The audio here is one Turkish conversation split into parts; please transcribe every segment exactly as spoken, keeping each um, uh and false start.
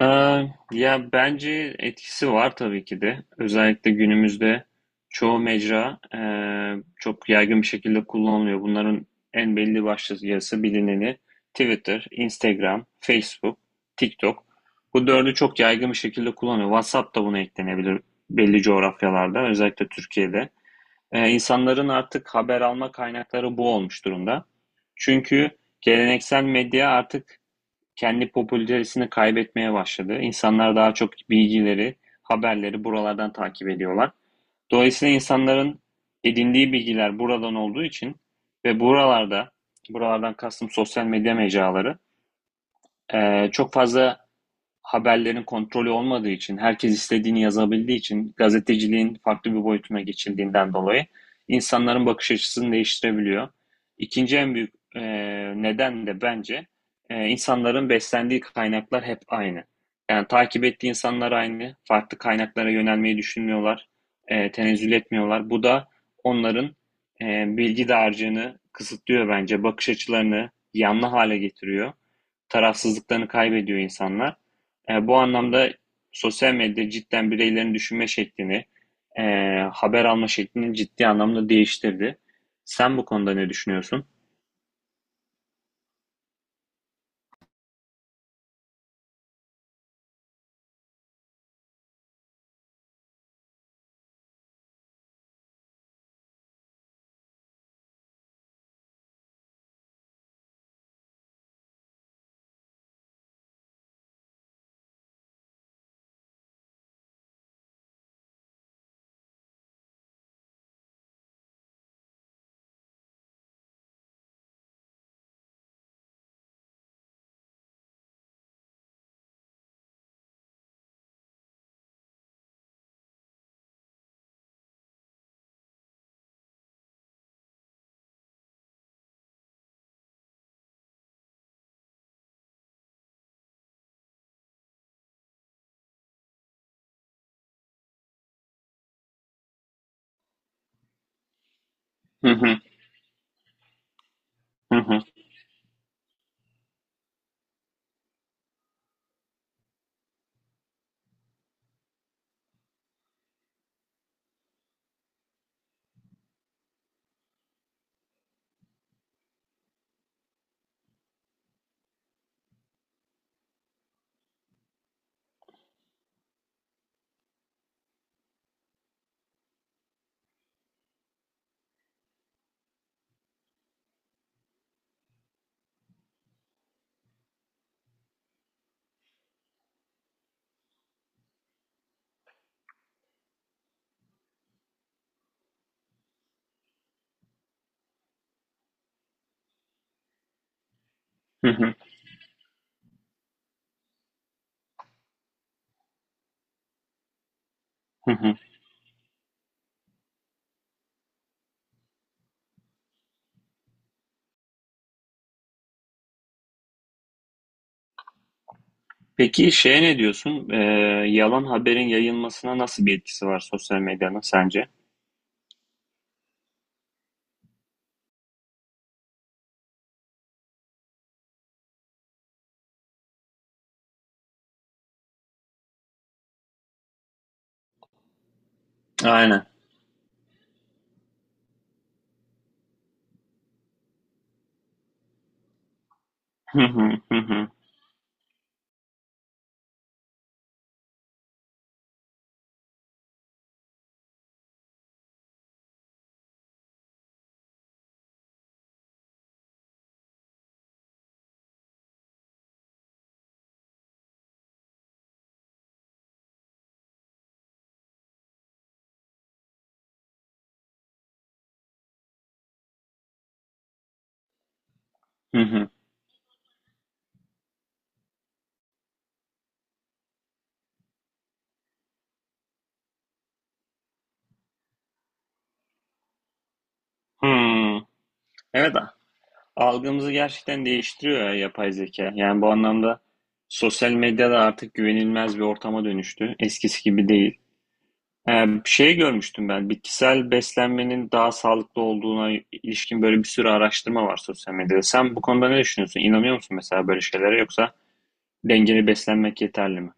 Eee, Ya bence etkisi var tabii ki de. Özellikle günümüzde çoğu mecra eee, çok yaygın bir şekilde kullanılıyor. Bunların en belli başlıcası bilineni Twitter, Instagram, Facebook, TikTok. Bu dördü çok yaygın bir şekilde kullanıyor. WhatsApp da buna eklenebilir belli coğrafyalarda, özellikle Türkiye'de. Eee, insanların artık haber alma kaynakları bu olmuş durumda. Çünkü geleneksel medya artık kendi popülaritesini kaybetmeye başladı. İnsanlar daha çok bilgileri, haberleri buralardan takip ediyorlar. Dolayısıyla insanların edindiği bilgiler buradan olduğu için ve buralarda, buralardan kastım sosyal medya mecraları, çok fazla haberlerin kontrolü olmadığı için, herkes istediğini yazabildiği için, gazeteciliğin farklı bir boyutuna geçildiğinden dolayı insanların bakış açısını değiştirebiliyor. İkinci en büyük e, neden de bence e, insanların beslendiği kaynaklar hep aynı. Yani takip ettiği insanlar aynı, farklı kaynaklara yönelmeyi düşünmüyorlar, e, tenezzül etmiyorlar. Bu da onların e, bilgi dağarcığını kısıtlıyor bence, bakış açılarını yanlı hale getiriyor, tarafsızlıklarını kaybediyor insanlar. E, bu anlamda sosyal medya cidden bireylerin düşünme şeklini, e, haber alma şeklini ciddi anlamda değiştirdi. Sen bu konuda ne düşünüyorsun? Hı hı, hı hı, hı hı, hı hı. Peki şeye ne diyorsun? E, yalan haberin yayılmasına nasıl bir etkisi var sosyal medyanın sence? Aynen. Hı hı, hı hı, hı hı. Hmm. Evet. Algımızı gerçekten değiştiriyor ya yapay zeka. Yani bu anlamda sosyal medya da artık güvenilmez bir ortama dönüştü. Eskisi gibi değil. Ee, Bir şey görmüştüm ben. Bitkisel beslenmenin daha sağlıklı olduğuna ilişkin böyle bir sürü araştırma var sosyal medyada. Sen bu konuda ne düşünüyorsun? İnanıyor musun mesela böyle şeylere, yoksa dengeli beslenmek yeterli mi?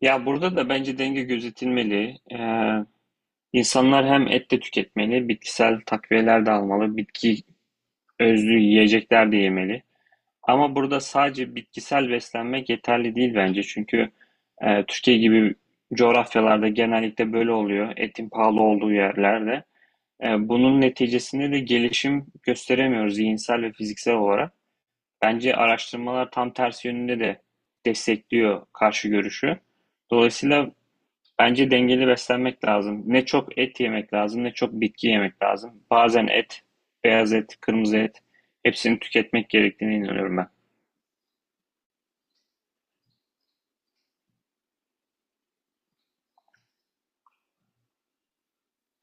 Ya burada da bence denge gözetilmeli. Ee, insanlar hem et de tüketmeli, bitkisel takviyeler de almalı, bitki özlü yiyecekler de yemeli. Ama burada sadece bitkisel beslenmek yeterli değil bence. Çünkü e, Türkiye gibi coğrafyalarda genellikle böyle oluyor. Etin pahalı olduğu yerlerde. E, bunun neticesinde de gelişim gösteremiyoruz zihinsel ve fiziksel olarak. Bence araştırmalar tam tersi yönünde de destekliyor karşı görüşü. Dolayısıyla bence dengeli beslenmek lazım. Ne çok et yemek lazım, ne çok bitki yemek lazım. Bazen et, beyaz et, kırmızı et, hepsini tüketmek gerektiğine inanıyorum ben.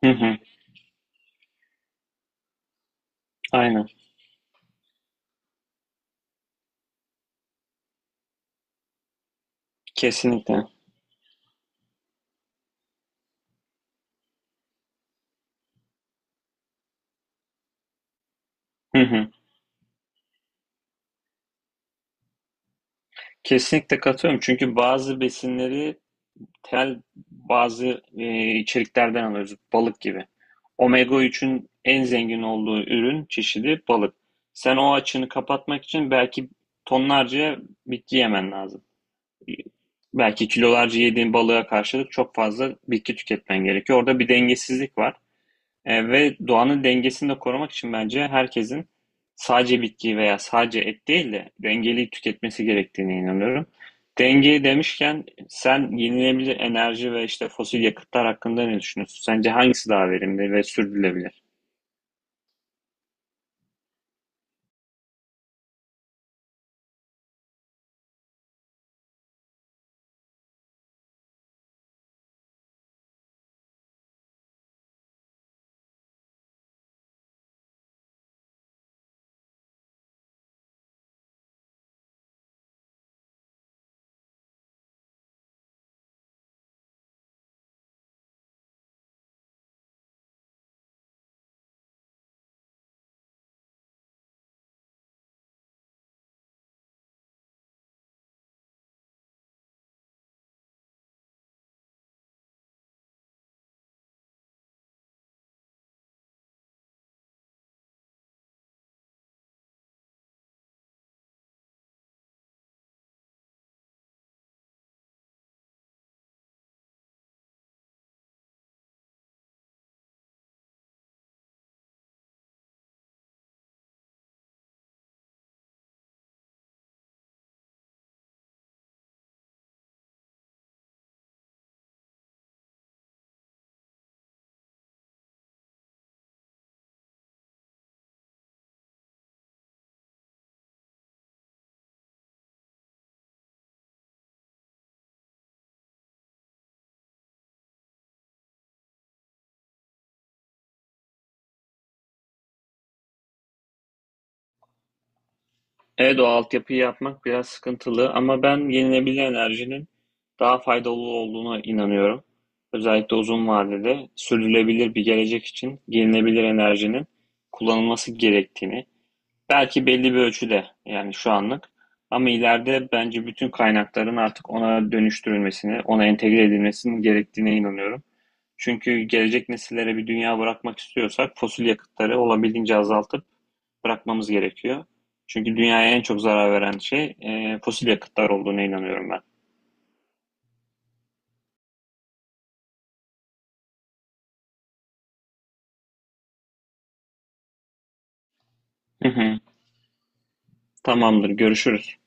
Hı hı. Aynen. Kesinlikle. Hı hı. Kesinlikle katılıyorum. Çünkü bazı besinleri tel bazı e, içeriklerden alıyoruz. Balık gibi. Omega üçün en zengin olduğu ürün çeşidi balık. Sen o açığını kapatmak için belki tonlarca bitki yemen lazım. Belki kilolarca yediğin balığa karşılık çok fazla bitki tüketmen gerekiyor. Orada bir dengesizlik var. E, ve doğanın dengesini de korumak için bence herkesin sadece bitki veya sadece et değil de dengeli tüketmesi gerektiğine inanıyorum. Denge demişken sen yenilenebilir enerji ve işte fosil yakıtlar hakkında ne düşünüyorsun? Sence hangisi daha verimli ve sürdürülebilir? Evet, o altyapıyı yapmak biraz sıkıntılı ama ben yenilenebilir enerjinin daha faydalı olduğuna inanıyorum. Özellikle uzun vadede sürdürülebilir bir gelecek için yenilenebilir enerjinin kullanılması gerektiğini, belki belli bir ölçüde yani şu anlık. Ama ileride bence bütün kaynakların artık ona dönüştürülmesini, ona entegre edilmesinin gerektiğine inanıyorum. Çünkü gelecek nesillere bir dünya bırakmak istiyorsak fosil yakıtları olabildiğince azaltıp bırakmamız gerekiyor. Çünkü dünyaya en çok zarar veren şey e, fosil yakıtlar olduğuna inanıyorum ben. Hı hı. Tamamdır, görüşürüz.